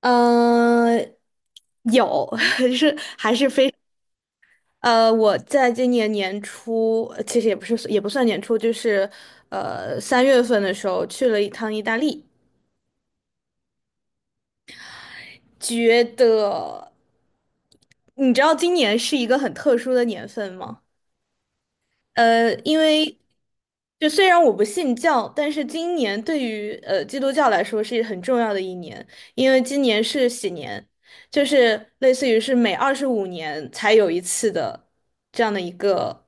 嗯，有，是还是非我在今年年初，其实也不是也不算年初，就是3月份的时候去了一趟意大利。觉得你知道今年是一个很特殊的年份吗？因为就虽然我不信教，但是今年对于基督教来说是很重要的一年，因为今年是喜年，就是类似于是每二十五年才有一次的这样的一个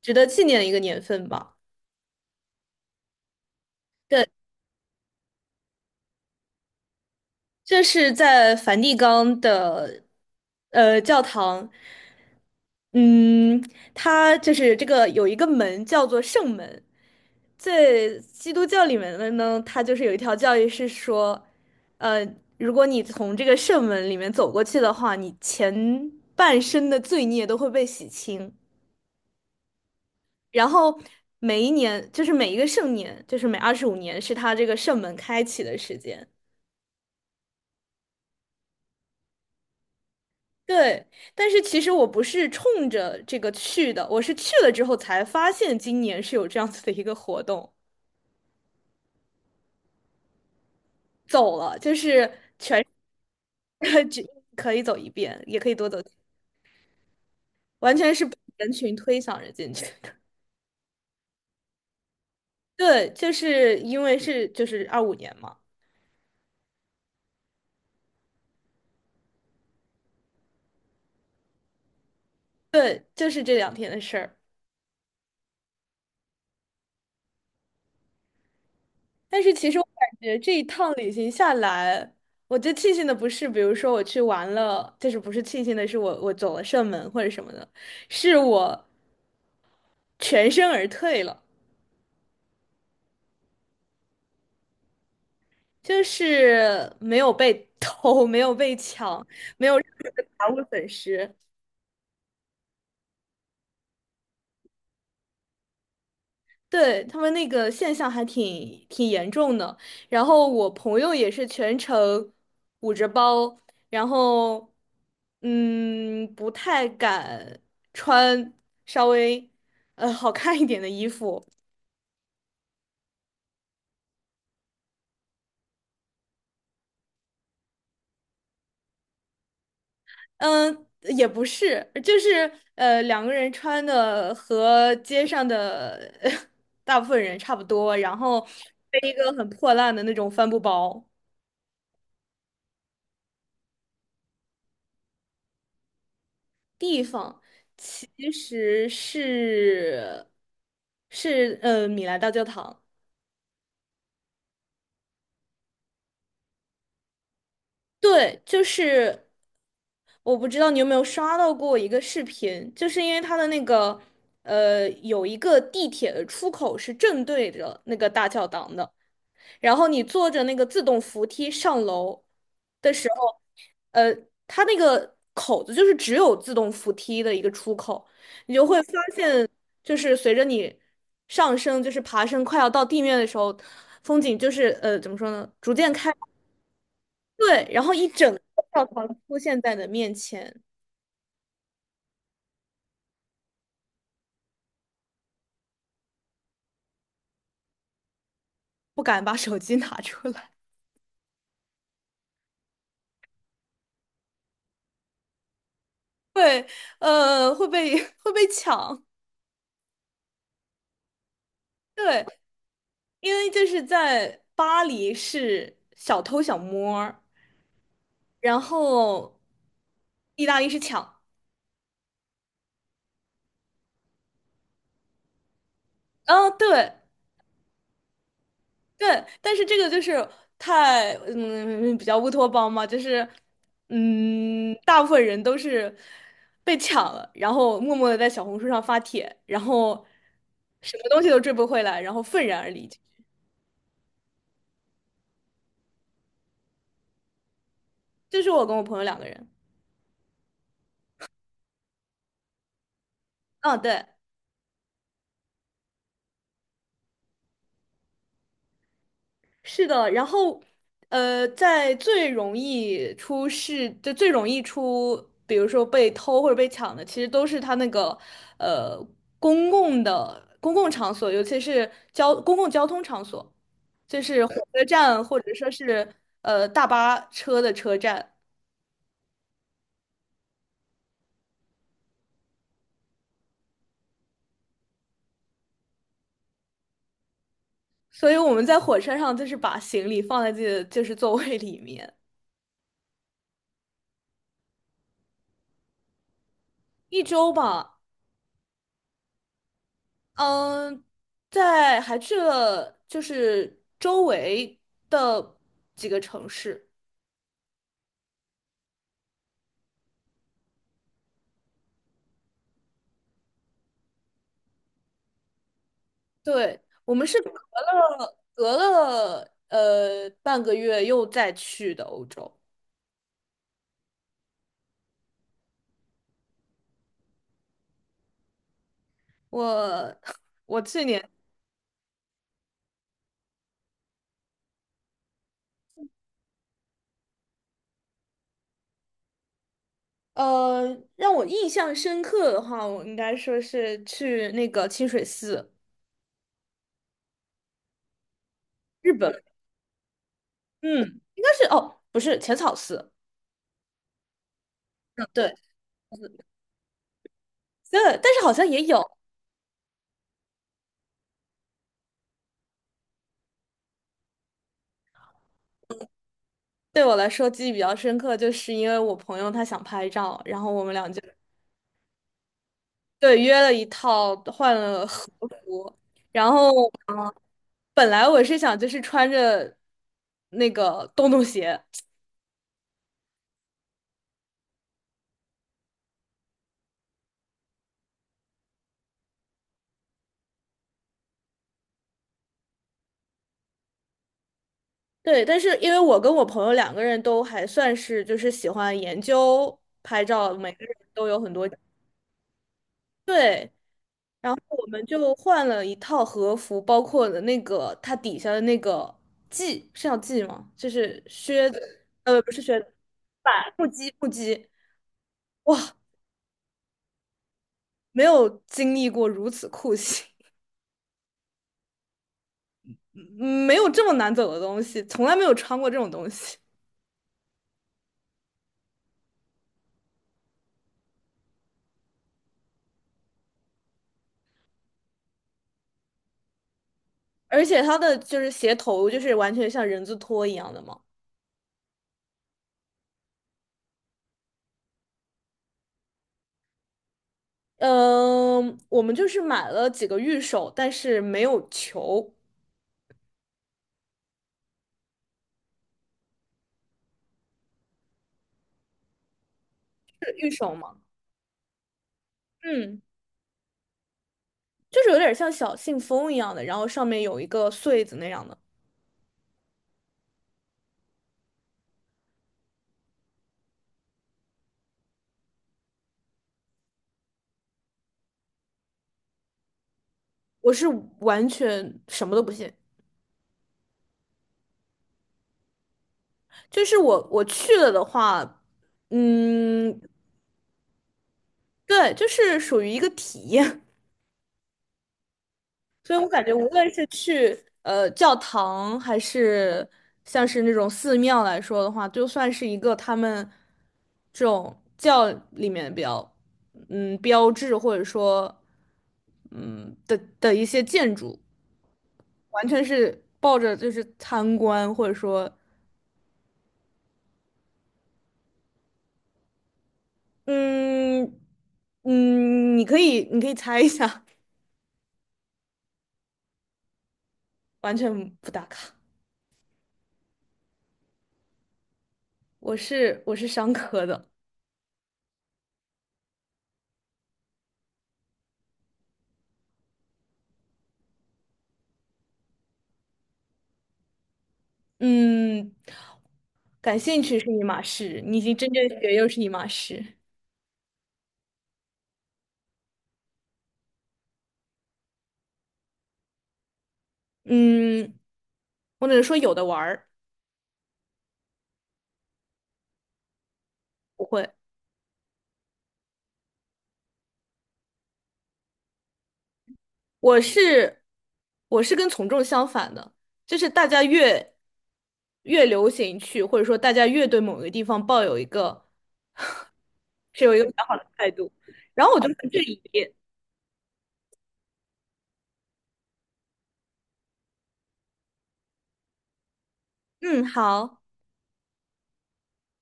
值得纪念的一个年份吧。对。这是在梵蒂冈的教堂。嗯，它就是这个有一个门叫做圣门。在基督教里面的呢，它就是有一条教义是说，呃，如果你从这个圣门里面走过去的话，你前半生的罪孽都会被洗清。然后每一年，就是每一个圣年，就是每二十五年，是他这个圣门开启的时间。对，但是其实我不是冲着这个去的，我是去了之后才发现今年是有这样子的一个活动。走了，就是 只可以走一遍，也可以多走，完全是被人群推搡着进去的。对，就是因为是就是2025年嘛。对，就是这两天的事儿。但是其实我感觉这一趟旅行下来，我最庆幸的不是，比如说我去玩了，就是不是庆幸的是我走了射门或者什么的，是我全身而退了，就是没有被 偷，没有被抢，财物损失。对，他们那个现象还挺严重的。然后我朋友也是全程捂着包，然后不太敢穿稍微好看一点的衣服。嗯，也不是，就是两个人穿的和街上的 大部分人差不多，然后背一个很破烂的那种帆布包。地方其实是米兰大教堂。对，就是我不知道你有没有刷到过一个视频，就是因为它的那个有一个地铁的出口是正对着那个大教堂的。然后你坐着那个自动扶梯上楼的时候，呃，它那个口子就是只有自动扶梯的一个出口，你就会发现，就是随着你上升，就是爬升快要到地面的时候，风景就是怎么说呢，逐渐开，对，然后一整个教堂出现在你的面前。不敢把手机拿出来，对，会被 会被抢。对，因为就是在巴黎是小偷小摸儿，然后意大利是抢。啊，对对，但是这个就是太比较乌托邦嘛，就是大部分人都是被抢了，然后默默的在小红书上发帖，然后什么东西都追不回来，然后愤然而离。就是我跟我朋友两个人。嗯，对。是的，然后，在最容易出事，就最容易出，比如说被偷或者被抢的，其实都是它那个，呃，公共的公共场所，尤其是公共交通场所，就是火车站或者说是大巴车的车站。所以我们在火车上就是把行李放在自己的就是座位里面。一周吧。嗯，在还去了就是周围的几个城市。对，我们是隔了半个月又再去的欧洲。我 我去年呃让我印象深刻的话，我应该说是去那个清水寺。日本。嗯，应该是哦，不是浅草寺。嗯，对，对，但是好像也有。对我来说记忆比较深刻，就是因为我朋友他想拍照，然后我们俩就对约了一套换了和服。然后本来我是想就是穿着那个洞洞鞋。对，但是因为我跟我朋友两个人都还算是就是喜欢研究拍照，每个人都有很多对。然后我们就换了一套和服，包括了那个它底下的那个系，是要系吗？就是靴子，不是靴子，板木屐，木屐。哇，没有经历过如此酷刑，嗯没有这么难走的东西，从来没有穿过这种东西。而且它的就是鞋头，就是完全像人字拖一样的嘛。嗯，我们就是买了几个玉手，但是没有球。是玉手吗？嗯。就是有点像小信封一样的，然后上面有一个穗子那样的。我是完全什么都不信，就是我去了的话，嗯，对，就是属于一个体验。所以我感觉无论是去教堂，还是像是那种寺庙来说的话，就算是一个他们这种教里面比较标志或者说的一些建筑。完全是抱着就是参观，或者说，嗯嗯，你可以猜一下。完全不打卡。我是商科的。嗯，感兴趣是一码事，你已经真正学又是一码事。嗯，我只能说有的玩儿。不会。我是我是跟从众相反的，就是大家越流行去，或者说大家越对某个地方抱有一个。是有一个比较好的态度。然后我就很质疑。嗯，好。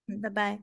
嗯，拜拜。